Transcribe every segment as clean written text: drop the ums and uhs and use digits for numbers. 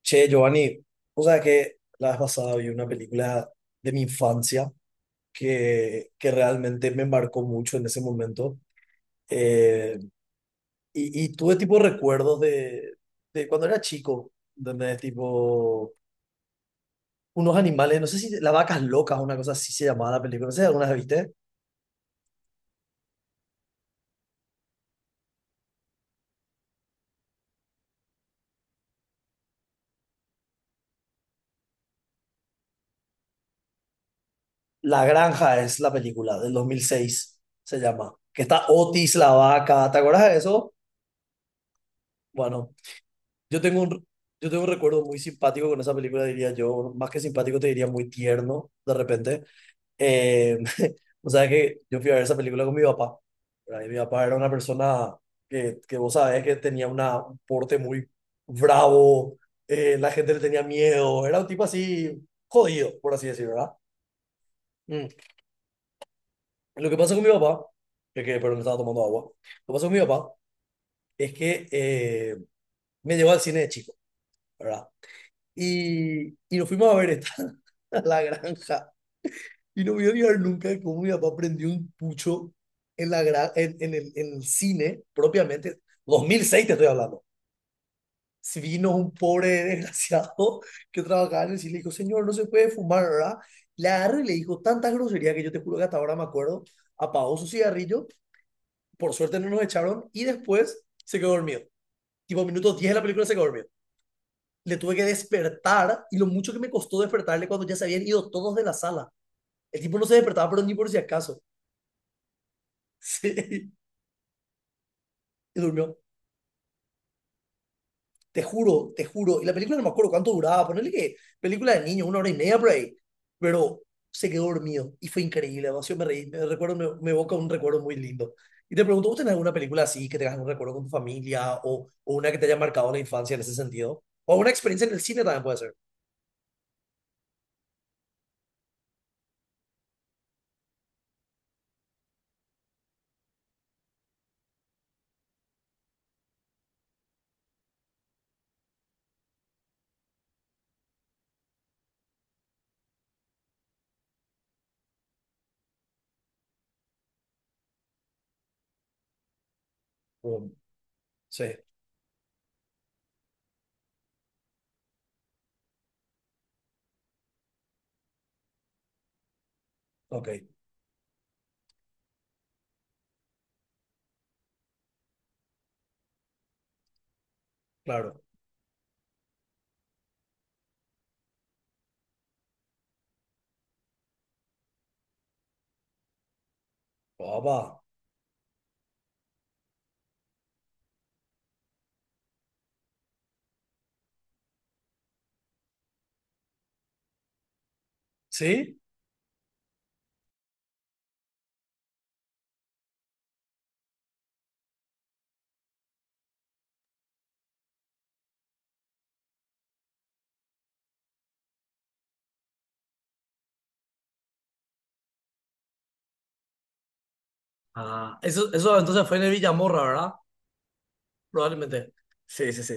Che, Giovanni, o sea que la vez pasada vi una película de mi infancia que realmente me marcó mucho en ese momento. Eh, y tuve tipo recuerdos de cuando era chico, donde tipo unos animales, no sé si La Vacas Locas o una cosa así se llamaba la película, no sé si alguna vez viste. La Granja es la película del 2006 se llama. Que está Otis la vaca, ¿te acuerdas de eso? Bueno, Yo tengo un, yo tengo un recuerdo muy simpático con esa película, diría yo, más que simpático, te diría muy tierno, de repente. Eh, o sea que yo fui a ver esa película con mi papá, ¿verdad? Y mi papá era una persona que vos sabés que tenía un porte muy bravo, la gente le tenía miedo, era un tipo así jodido, por así decirlo, ¿verdad? Mm. Lo que pasa con mi papá, que perdón, estaba tomando agua, lo que pasa con mi papá es que me llevó al cine de chico, ¿verdad? Y nos fuimos a ver esta. a la granja. Y no voy a olvidar nunca de cómo mi papá prendió un pucho en, la gra- en el cine, propiamente. 2006 te estoy hablando. Si vino un pobre desgraciado que trabajaba en el cine y le dijo, señor, no se puede fumar, ¿verdad? Le agarró y le dijo tantas groserías que yo te juro que hasta ahora me acuerdo. Apagó su cigarrillo, por suerte no nos echaron y después se quedó dormido. Tipo, minutos 10 de la película se quedó dormido. Le tuve que despertar y lo mucho que me costó despertarle cuando ya se habían ido todos de la sala. El tipo no se despertaba, pero ni por si acaso. Sí, y durmió. Te juro, te juro. Y la película no me acuerdo cuánto duraba. Ponerle que película de niño, una hora y media por ahí. Pero se quedó dormido y fue increíble. Demasiado me reí. Me evoca un recuerdo muy lindo. Y te pregunto, ¿vos tenés alguna película así que tengas un recuerdo con tu familia o una que te haya marcado la infancia en ese sentido? O una experiencia en el cine también puede ser. Um, sí, ok, claro. Papá. ¿Sí? Ah, eso entonces fue en el Villamorra, ¿verdad? Probablemente. Sí, sí, sí.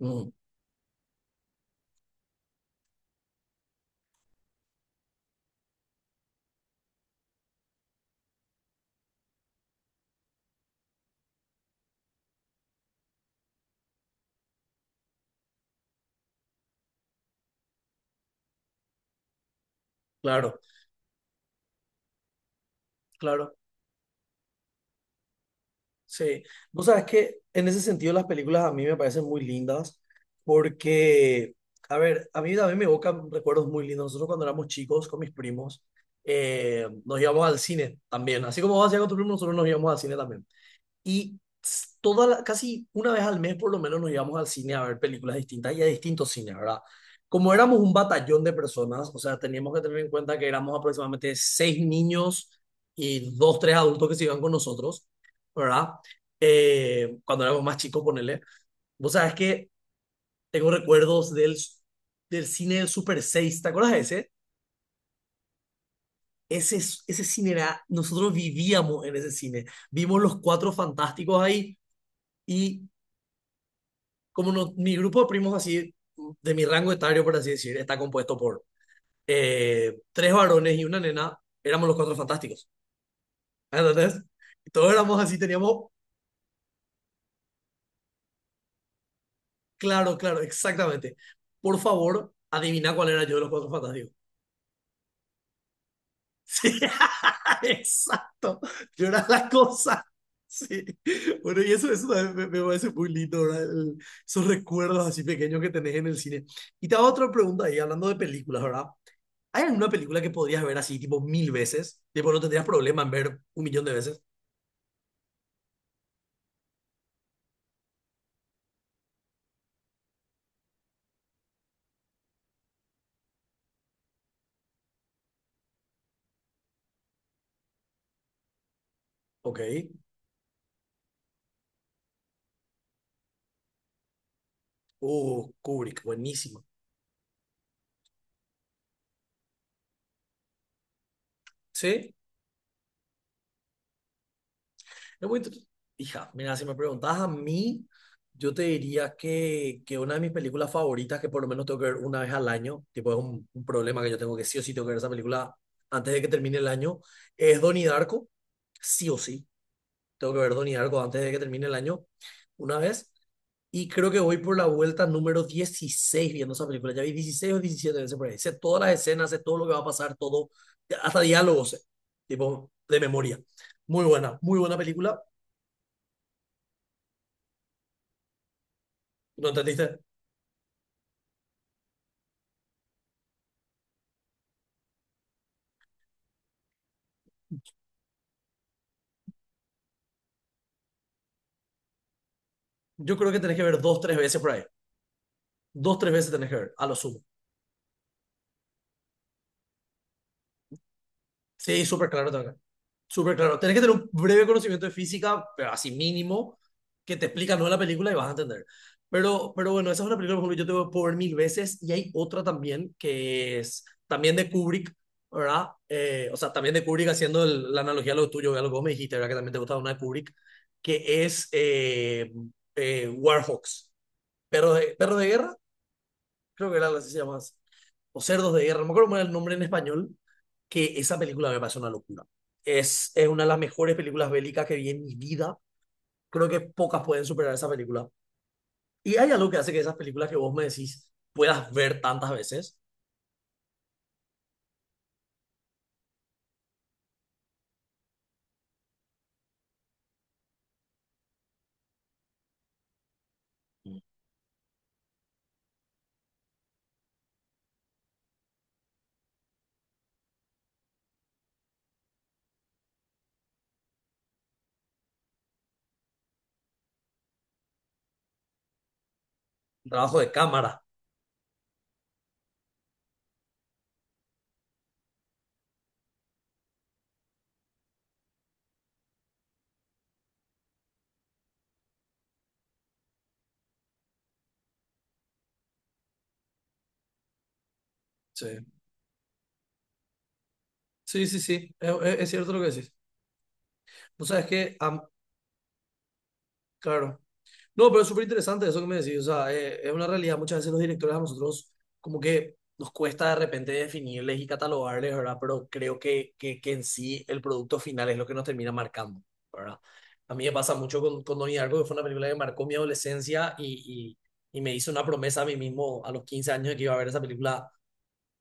Mm, claro, claro. Sí, vos sabes que en ese sentido las películas a mí me parecen muy lindas porque, a ver, a mí también me evocan recuerdos muy lindos. Nosotros cuando éramos chicos con mis primos nos íbamos al cine también. Así como vos hacías con tus primos, nosotros nos íbamos al cine también. Y casi una vez al mes por lo menos nos íbamos al cine a ver películas distintas y a distintos cines, ¿verdad? Como éramos un batallón de personas, o sea, teníamos que tener en cuenta que éramos aproximadamente seis niños y dos, tres adultos que se iban con nosotros, ¿verdad? Cuando éramos más chicos, ponele. Vos sabés que tengo recuerdos del cine del Super seis, ¿te acuerdas de ese? Ese, ese cine era, nosotros vivíamos en ese cine. Vimos los cuatro fantásticos ahí y como no- mi grupo de primos así, de mi rango etario, por así decir, está compuesto por tres varones y una nena, éramos los cuatro fantásticos. ¿Entendés? Y todos éramos así, teníamos, claro, claro, exactamente. Por favor, adivina cuál era yo de los cuatro fantásticos. Sí, exacto. Yo era la cosa. Sí. Bueno, y eso también me parece muy lindo, ¿verdad? Esos recuerdos así pequeños que tenés en el cine. Y te hago otra pregunta ahí, hablando de películas, ¿verdad? ¿Hay alguna película que podrías ver así, tipo, 1000 veces? Tipo, no tendrías problema en ver un millón de veces. Ok. Kubrick, buenísimo. ¿Sí? Es muy inter- Hija, mira, si me preguntas a mí, yo te diría que una de mis películas favoritas, que por lo menos tengo que ver una vez al año, tipo, es un problema que yo tengo que sí o sí tengo que ver esa película antes de que termine el año, es Donnie Darko, sí o sí. Tengo que ver Donnie Darko antes de que termine el año, una vez. Y creo que voy por la vuelta número 16 viendo esa película. Ya vi 16 o 17 veces por ahí. Sé todas las escenas, sé todo lo que va a pasar, todo, hasta diálogos, sé, tipo, de memoria. Muy buena película. ¿No entendiste? Yo creo que tenés que ver dos, tres veces por ahí. Dos, tres veces tenés que ver, a lo sumo. Sí, súper claro, tengo Súper claro. Tenés que tener un breve conocimiento de física, pero así mínimo, que te explica no la película y vas a entender. Pero bueno, esa es una película, por ejemplo, yo te voy a poner 1000 veces y hay otra también que es también de Kubrick, ¿verdad? O sea, también de Kubrick haciendo la analogía a lo tuyo, a lo que vos me dijiste, ¿verdad? Que también te gustaba una de Kubrick, que es Warhawks, perro de guerra, creo que era así se llama o Cerdos de Guerra, no me acuerdo cómo era el nombre en español, que esa película me parece una locura. Es una de las mejores películas bélicas que vi en mi vida. Creo que pocas pueden superar esa película. Y hay algo que hace que esas películas que vos me decís puedas ver tantas veces, un trabajo de cámara. Sí, sí, sí, sí. Es cierto lo que decís. Vos sabés que, claro, no, pero es súper interesante eso que me decís. O sea, es una realidad. Muchas veces los directores a nosotros como que nos cuesta de repente definirles y catalogarles, ¿verdad? Pero creo que en sí el producto final es lo que nos termina marcando, ¿verdad? A mí me pasa mucho con Donnie Darko, que fue una película que marcó mi adolescencia y me hizo una promesa a mí mismo a los 15 años de que iba a ver esa película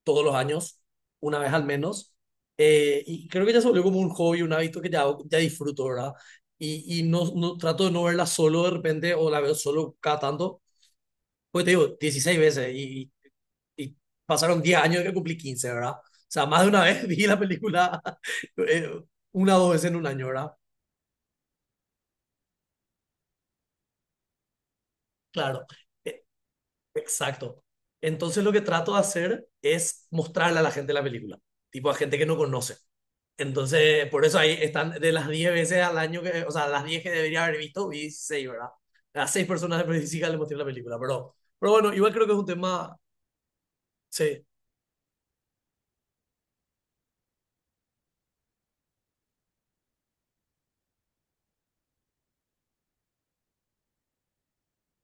todos los años, una vez al menos. Y creo que ya se volvió como un hobby, un hábito que ya disfruto, ¿verdad? Y no trato de no verla solo de repente o la veo solo cada tanto. Pues te digo, 16 veces y pasaron 10 años de que cumplí 15, ¿verdad? O sea, más de una vez vi la película eh, una o dos veces en un año, ¿verdad? Claro. Eh, Exacto. Entonces lo que trato de hacer es mostrarle a la gente la película, tipo a gente que no conoce. Entonces, por eso ahí están de las 10 veces al año que, o sea, las 10 que debería haber visto, vi 6, ¿verdad? A 6 personas de Previsica le mostré la película, pero bueno, igual creo que es un tema, sí,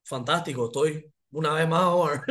fantástico, estoy una vez más, Omar.